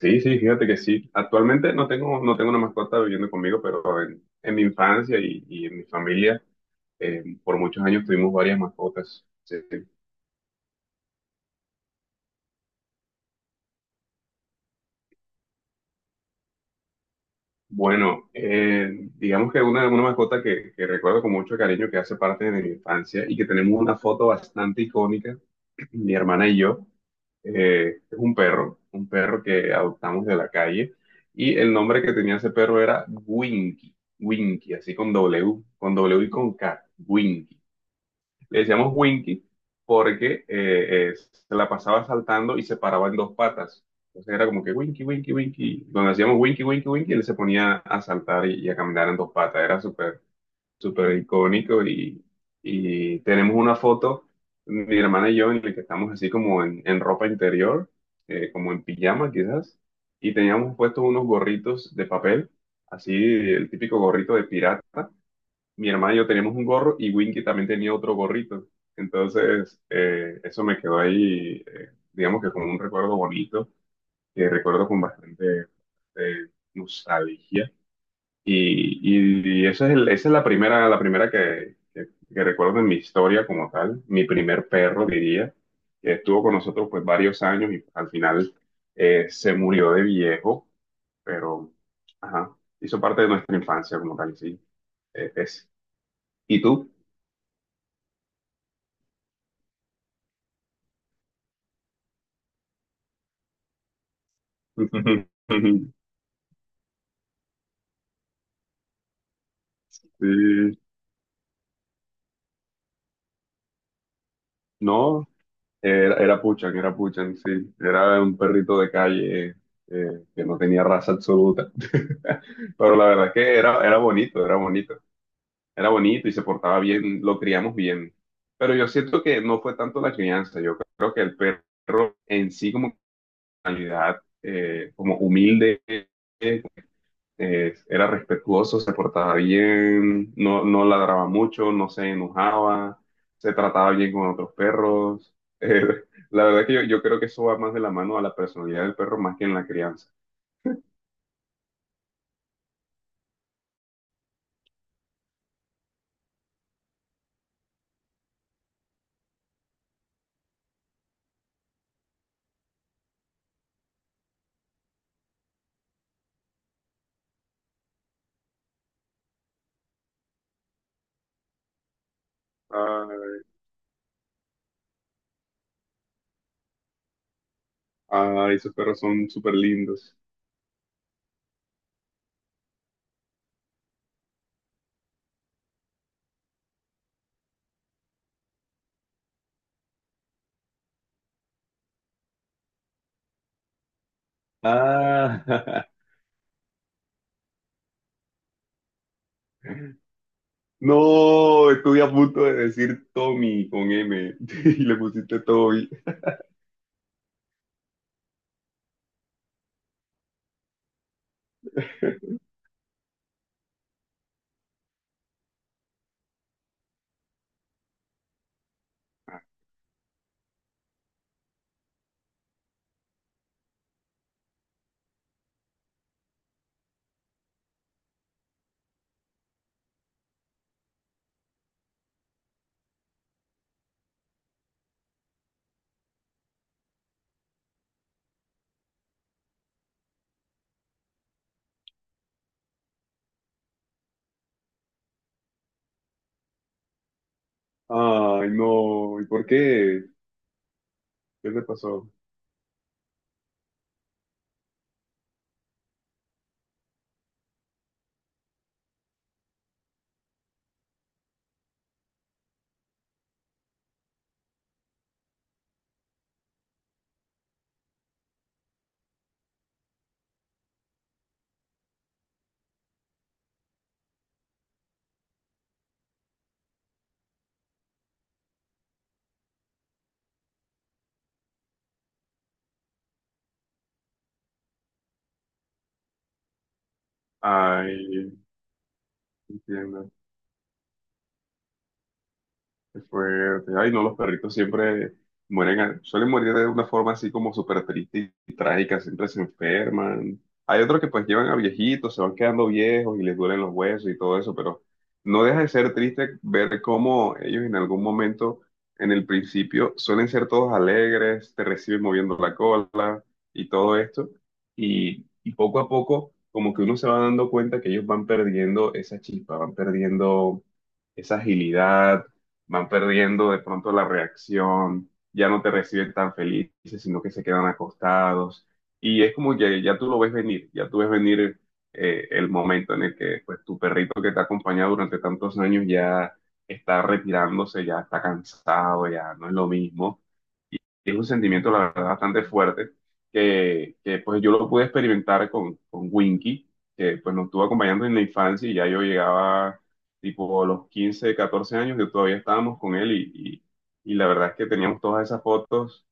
Sí, sí, fíjate que sí. Actualmente no tengo una mascota viviendo conmigo, pero en mi infancia y en mi familia, por muchos años tuvimos varias mascotas. Sí, sí. Bueno, digamos que una mascota que recuerdo con mucho cariño, que hace parte de mi infancia y que tenemos una foto bastante icónica, mi hermana y yo, es un perro que adoptamos de la calle, y el nombre que tenía ese perro era Winky. Winky, así con W y con K, Winky. Le decíamos Winky porque se la pasaba saltando y se paraba en dos patas. Entonces era como que Winky, Winky, Winky. Cuando hacíamos Winky, Winky, Winky, él se ponía a saltar y a caminar en dos patas. Era súper, súper icónico, y tenemos una foto, mi hermana y yo, en la que estamos así como en ropa interior, como en pijama quizás, y teníamos puestos unos gorritos de papel, así el típico gorrito de pirata. Mi hermana y yo teníamos un gorro y Winky también tenía otro gorrito. Entonces, eso me quedó ahí, digamos que como un recuerdo bonito, que recuerdo con bastante, eh, nostalgia. Y, y esa es la primera, la primera que recuerdo en mi historia como tal, mi primer perro, diría, que estuvo con nosotros pues varios años, y al final se murió de viejo, pero ajá, hizo parte de nuestra infancia como tal, sí. Es. ¿Y tú? Sí, no, era Puchan, era Puchan, sí. Era un perrito de calle, que no tenía raza absoluta. Pero la verdad es que era, era bonito, era bonito. Era bonito y se portaba bien, lo criamos bien. Pero yo siento que no fue tanto la crianza, yo creo que el perro en sí como, como humilde, era respetuoso, se portaba bien, no, no ladraba mucho, no se enojaba, se trataba bien con otros perros. Eh, la verdad es que yo creo que eso va más de la mano a la personalidad del perro más que en la crianza. Ay, ay, esos perros son súper lindos. Ah, no, estuve a punto de decir Tommy con M y le pusiste Toby. Ay, no, ¿y por qué? ¿Qué te pasó? Ay, entiendo. Qué fuerte. Ay, no, los perritos siempre mueren, suelen morir de una forma así como súper triste y trágica, siempre se enferman. Hay otros que pues llevan a viejitos, se van quedando viejos y les duelen los huesos y todo eso, pero no deja de ser triste ver cómo ellos en algún momento, en el principio, suelen ser todos alegres, te reciben moviendo la cola y todo esto. Y poco a poco, como que uno se va dando cuenta que ellos van perdiendo esa chispa, van perdiendo esa agilidad, van perdiendo de pronto la reacción, ya no te reciben tan felices, sino que se quedan acostados. Y es como que ya tú lo ves venir, ya tú ves venir, el momento en el que pues tu perrito que te ha acompañado durante tantos años ya está retirándose, ya está cansado, ya no es lo mismo. Es un sentimiento, la verdad, bastante fuerte, pues yo lo pude experimentar con, Winky, que pues nos estuvo acompañando en la infancia. Y ya yo llegaba tipo a los 15, 14 años, yo todavía estábamos con él, y la verdad es que teníamos todas esas fotos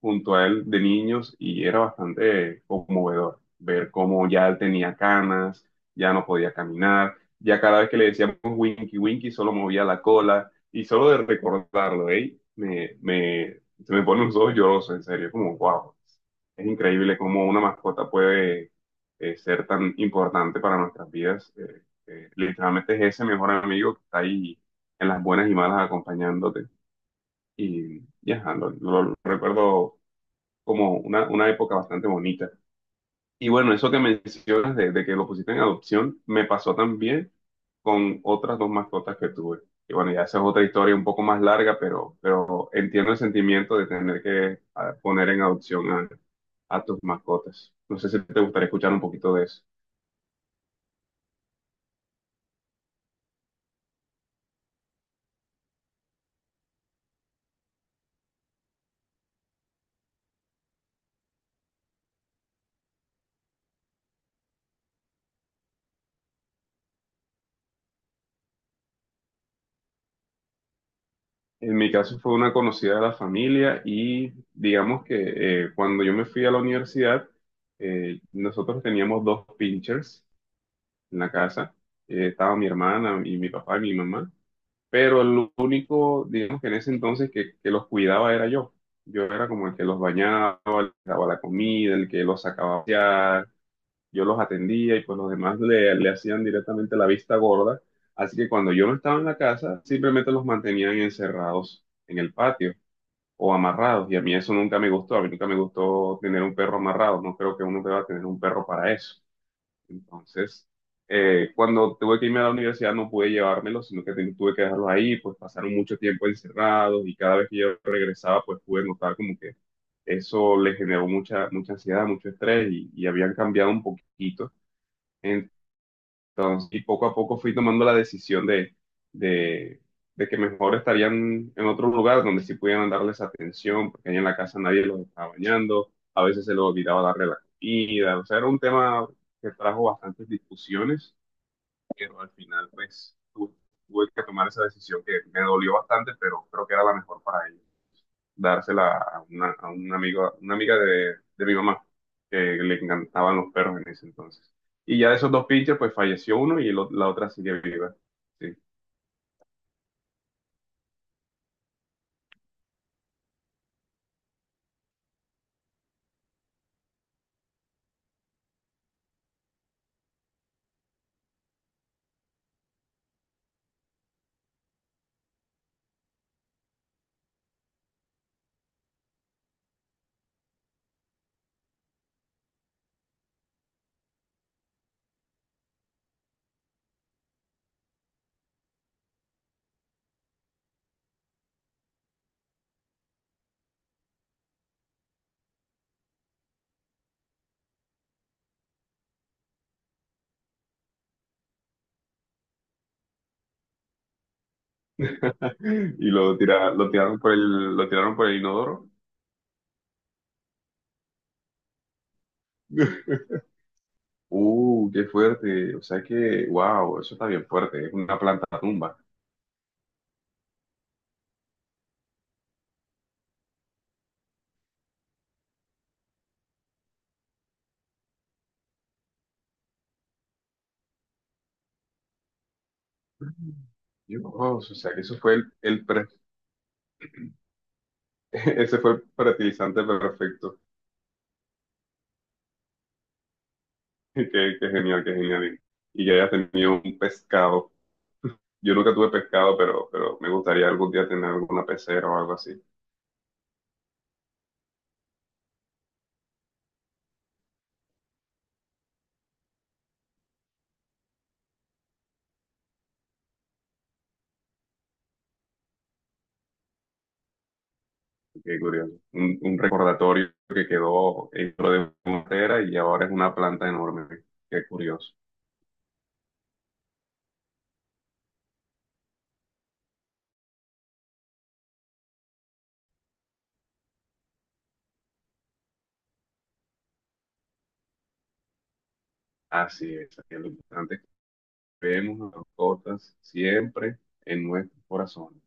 junto a él de niños, y era bastante conmovedor ver cómo ya él tenía canas, ya no podía caminar, ya cada vez que le decíamos Winky, Winky solo movía la cola. Y solo de recordarlo, ¿eh? Me, se me ponen los ojos llorosos, en serio, como wow, es increíble cómo una mascota puede, ser tan importante para nuestras vidas. Literalmente es ese mejor amigo que está ahí en las buenas y malas acompañándote. Y ya, lo recuerdo como una, época bastante bonita. Y bueno, eso que mencionas de que lo pusiste en adopción, me pasó también con otras dos mascotas que tuve. Y bueno, ya esa es otra historia un poco más larga, pero, entiendo el sentimiento de tener que poner en adopción a tus mascotas. No sé si te gustaría escuchar un poquito de eso. En mi caso fue una conocida de la familia, y digamos que cuando yo me fui a la universidad, nosotros teníamos dos pinchers en la casa. Estaba mi hermana y mi papá y mi mamá, pero el único, digamos que en ese entonces que los cuidaba era yo. Yo era como el que los bañaba, les daba la comida, el que los sacaba a pasear, yo los atendía, y pues los demás le hacían directamente la vista gorda. Así que cuando yo no estaba en la casa, simplemente los mantenían encerrados en el patio o amarrados. Y a mí eso nunca me gustó, a mí nunca me gustó tener un perro amarrado, no creo que uno deba tener un perro para eso. Entonces, cuando tuve que irme a la universidad no pude llevármelos, sino que tuve que dejarlos ahí, pues pasaron mucho tiempo encerrados, y cada vez que yo regresaba, pues pude notar como que eso le generó mucha, mucha ansiedad, mucho estrés, y habían cambiado un poquito. Entonces, y poco a poco fui tomando la decisión de, de, de que mejor estarían en otro lugar donde sí pudieran darles atención, porque ahí en la casa nadie los estaba bañando, a veces se les olvidaba darle la comida, o sea, era un tema que trajo bastantes discusiones. Pero al final, pues tuve que tomar esa decisión, que me dolió bastante, pero creo que era la mejor para ellos. Dársela a una, a un amigo, una amiga de, mi mamá, que le encantaban los perros en ese entonces. Y ya de esos dos pinches, pues falleció uno y el o- la otra sigue viva. Sí. Y lo tiraron por el inodoro. Qué fuerte. O sea que, wow, eso está bien fuerte. Es una planta tumba. Dios, o sea que eso fue el Ese fue el fertilizante perfecto. Qué, qué genial, qué genial. Y que hayas tenido un pescado. Yo nunca tuve pescado, pero, me gustaría algún día tener alguna pecera o algo así. Qué curioso. Un recordatorio que quedó dentro de una pecera, y ahora es una planta enorme. Qué curioso. Así es, así es. Lo importante es que vemos a las mascotas siempre en nuestros corazones.